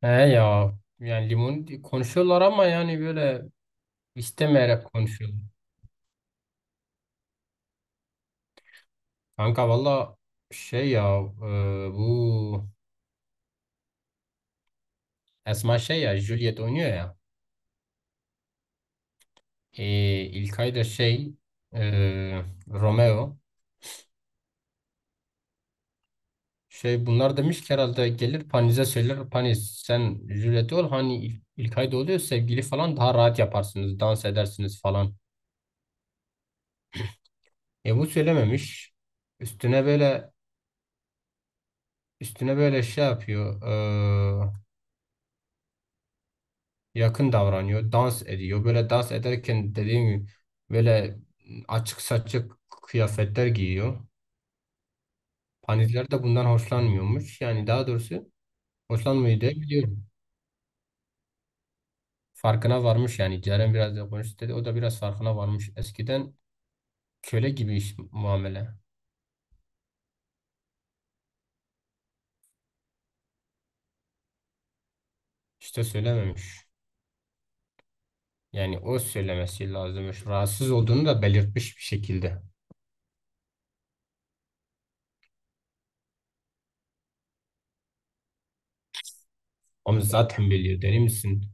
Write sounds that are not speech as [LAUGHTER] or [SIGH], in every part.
He ya, yani limon konuşuyorlar ama yani böyle istemeyerek konuşuyorlar. Kanka valla şey ya bu Esma şey ya Juliet oynuyor ya. E, İlkay da şey e, Romeo şey bunlar demiş ki herhalde gelir Paniz'e söyler Paniz sen Juliet ol hani İlkay da oluyor sevgili falan daha rahat yaparsınız dans edersiniz falan. Bu söylememiş. Üstüne böyle üstüne böyle şey yapıyor. e, Yakın davranıyor, dans ediyor. Böyle dans ederken dediğim gibi böyle açık saçık kıyafetler giyiyor. Panizler de bundan hoşlanmıyormuş. Yani daha doğrusu hoşlanmıyor diye biliyorum. Farkına varmış yani. Ceren biraz da konuştu dedi. O da biraz farkına varmış. Eskiden köle gibi muamele. İşte söylememiş. Yani o söylemesi lazımmış. Rahatsız olduğunu da belirtmiş bir şekilde. Onu zaten biliyor, deli misin?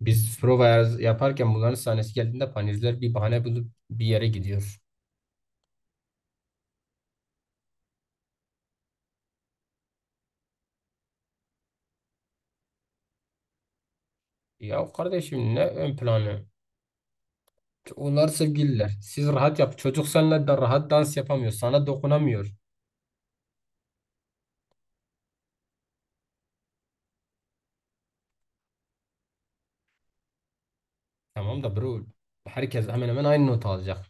Biz prova yaparken bunların sahnesi geldiğinde panizler bir bahane bulup bir yere gidiyor. Ya kardeşim, ne ön planı? Onlar sevgililer. Siz rahat yap. Çocuk seninle de rahat dans yapamıyor. Sana dokunamıyor. Tamam da bro. Herkes hemen hemen aynı notu alacak.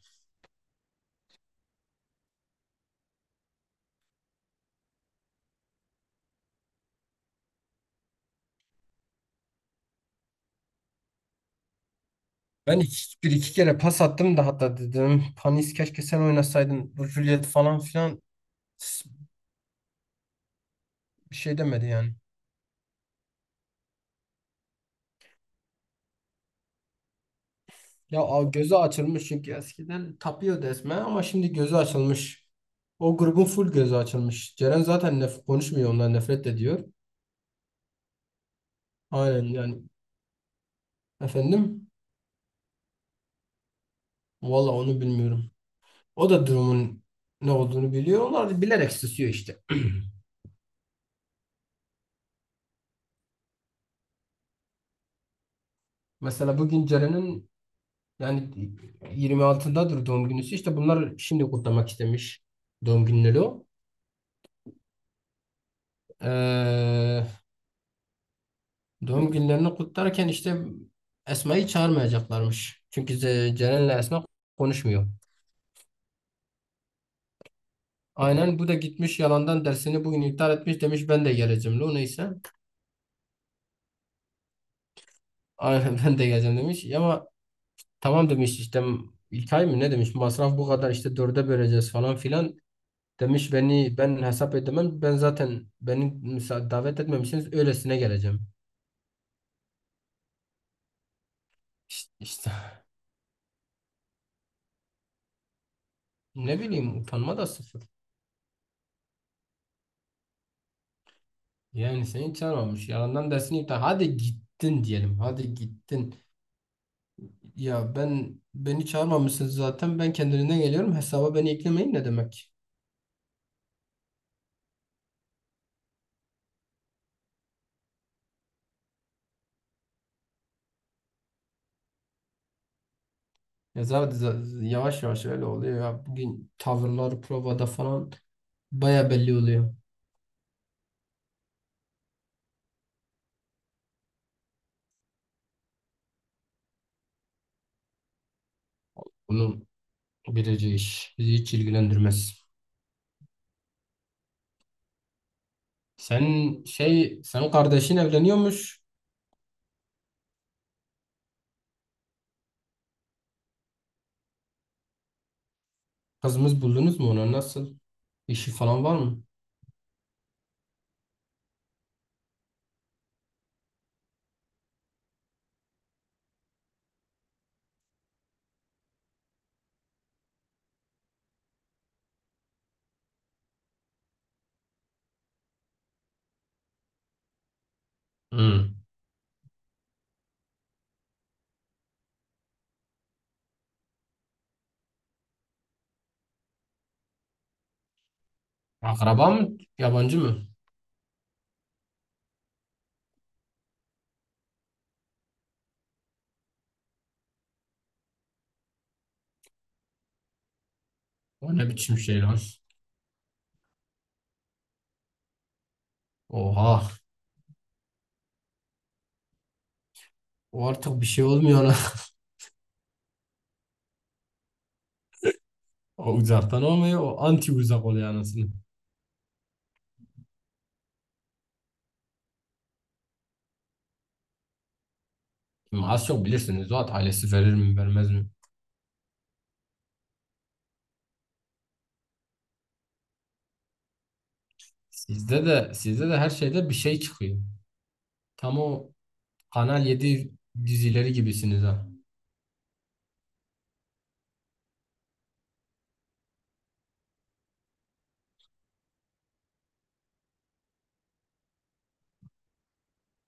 Bir iki kere pas attım da hatta dedim. Panis keşke sen oynasaydın. Bu Juliet falan filan s- bir şey demedi yani. Ya gözü açılmış çünkü eskiden tapıyordu esme ama şimdi gözü açılmış. O grubun full gözü açılmış. Ceren zaten konuşmuyor, ondan nefret ediyor. Aynen yani, efendim valla onu bilmiyorum. O da durumun ne olduğunu biliyor. Onlar da bilerek susuyor işte. [CLEARS THROAT] Mesela bugün Ceren'in yani 26'dadır doğum günüsü. İşte bunlar şimdi kutlamak istemiş, doğum günleri o. Ee, Doğum günlerini kutlarken işte Esma'yı çağırmayacaklarmış. Çünkü Ceren'le Esma konuşmuyor. Aynen bu da gitmiş, yalandan dersini bugün iptal etmiş, demiş ben de geleceğim. O neyse. Aynen [LAUGHS] ben de geleceğim demiş. Ama tamam demiş işte, İlkay mı ne demiş masraf bu kadar işte dörde böleceğiz falan filan. Demiş beni ben hesap edemem, ben zaten beni davet etmemişsiniz, öylesine geleceğim. İşte, ne bileyim utanma da sıfır. Yani seni çağırmamış. Yalandan dersini iptal. Hadi gittin diyelim. Hadi gittin. Ya ben beni çağırmamışsınız zaten. Ben kendiliğinden geliyorum. Hesaba beni eklemeyin ne demek? Ya zaten yavaş yavaş öyle oluyor ya. Bugün tavırlar provada falan baya belli oluyor. Bunun bileceği iş. Bizi hiç ilgilendirmez. Sen kardeşin evleniyormuş. Kızımız buldunuz mu ona? Nasıl? İşi falan var mı? Hı. Akraba mı? Yabancı mı? O ne biçim şey lan? Oha. O artık bir şey olmuyor ona. [LAUGHS] O uzaktan olmuyor. O anti uzak oluyor anasını. Şimdi az çok bilirsiniz. Zuhat ailesi verir mi vermez mi? Sizde de her şeyde bir şey çıkıyor. Tam o Kanal 7 dizileri gibisiniz ha.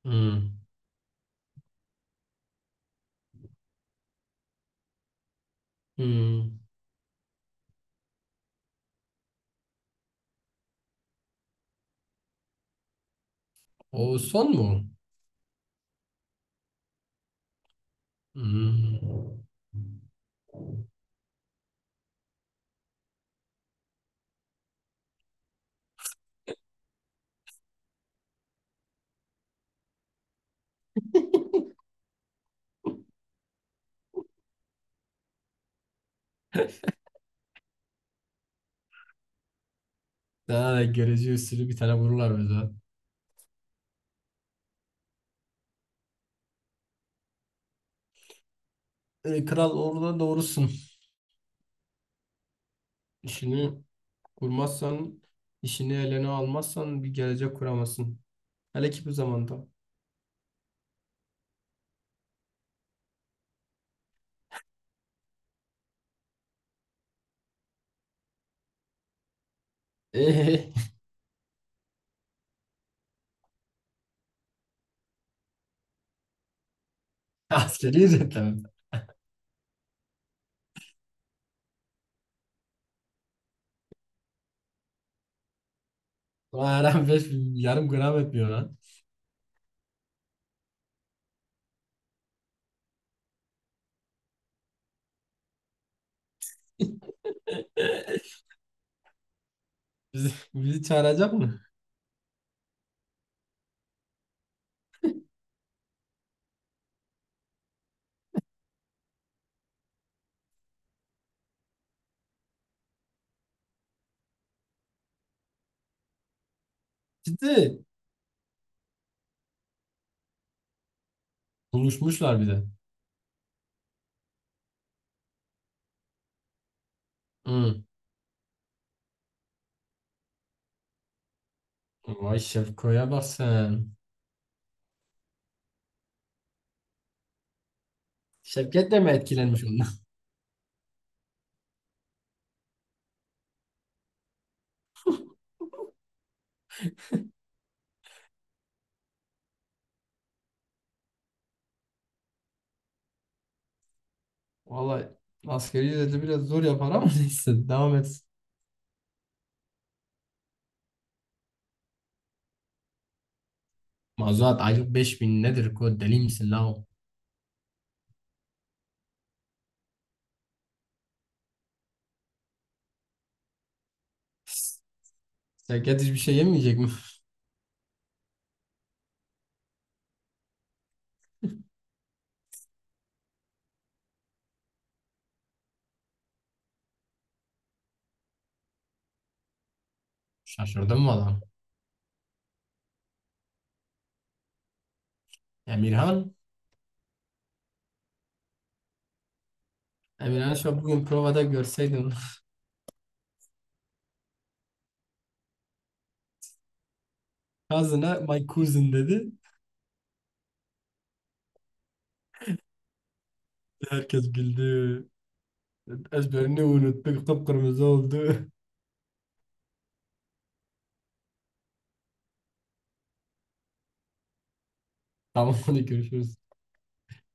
Hmm. Hmm. O son mu? Hmm. Sana da görece usulü bir tane vururlar bize. E, kral orada doğrusun. İşini kurmazsan, işini eline almazsan bir gelecek kuramazsın. Hele ki bu zamanda. Ee, [LAUGHS] Askeri ücretle mi? Ulan her an 5.000, [LAUGHS] yarım gram etmiyor lan. [LAUGHS] Bizi çağıracak mı? Ciddi. Buluşmuşlar bir de. Hı. Vay Şevko'ya bak sen. Şevket de mi etkilenmiş ondan? [LAUGHS] Vallahi askeri ücreti biraz zor yapar ama [LAUGHS] neyse devam et. Mazuat aylık 5.000 nedir ko, deli misin la o? Şevket hiçbir şey yemeyecek mi? [LAUGHS] Şaşırdım valla. Emirhan? Emirhan şu an bugün provada görseydin. [LAUGHS] Kazına my cousin dedi. Herkes güldü. Ezberini unuttuk. Kıpkırmızı oldu. [LAUGHS] Tamam hadi görüşürüz.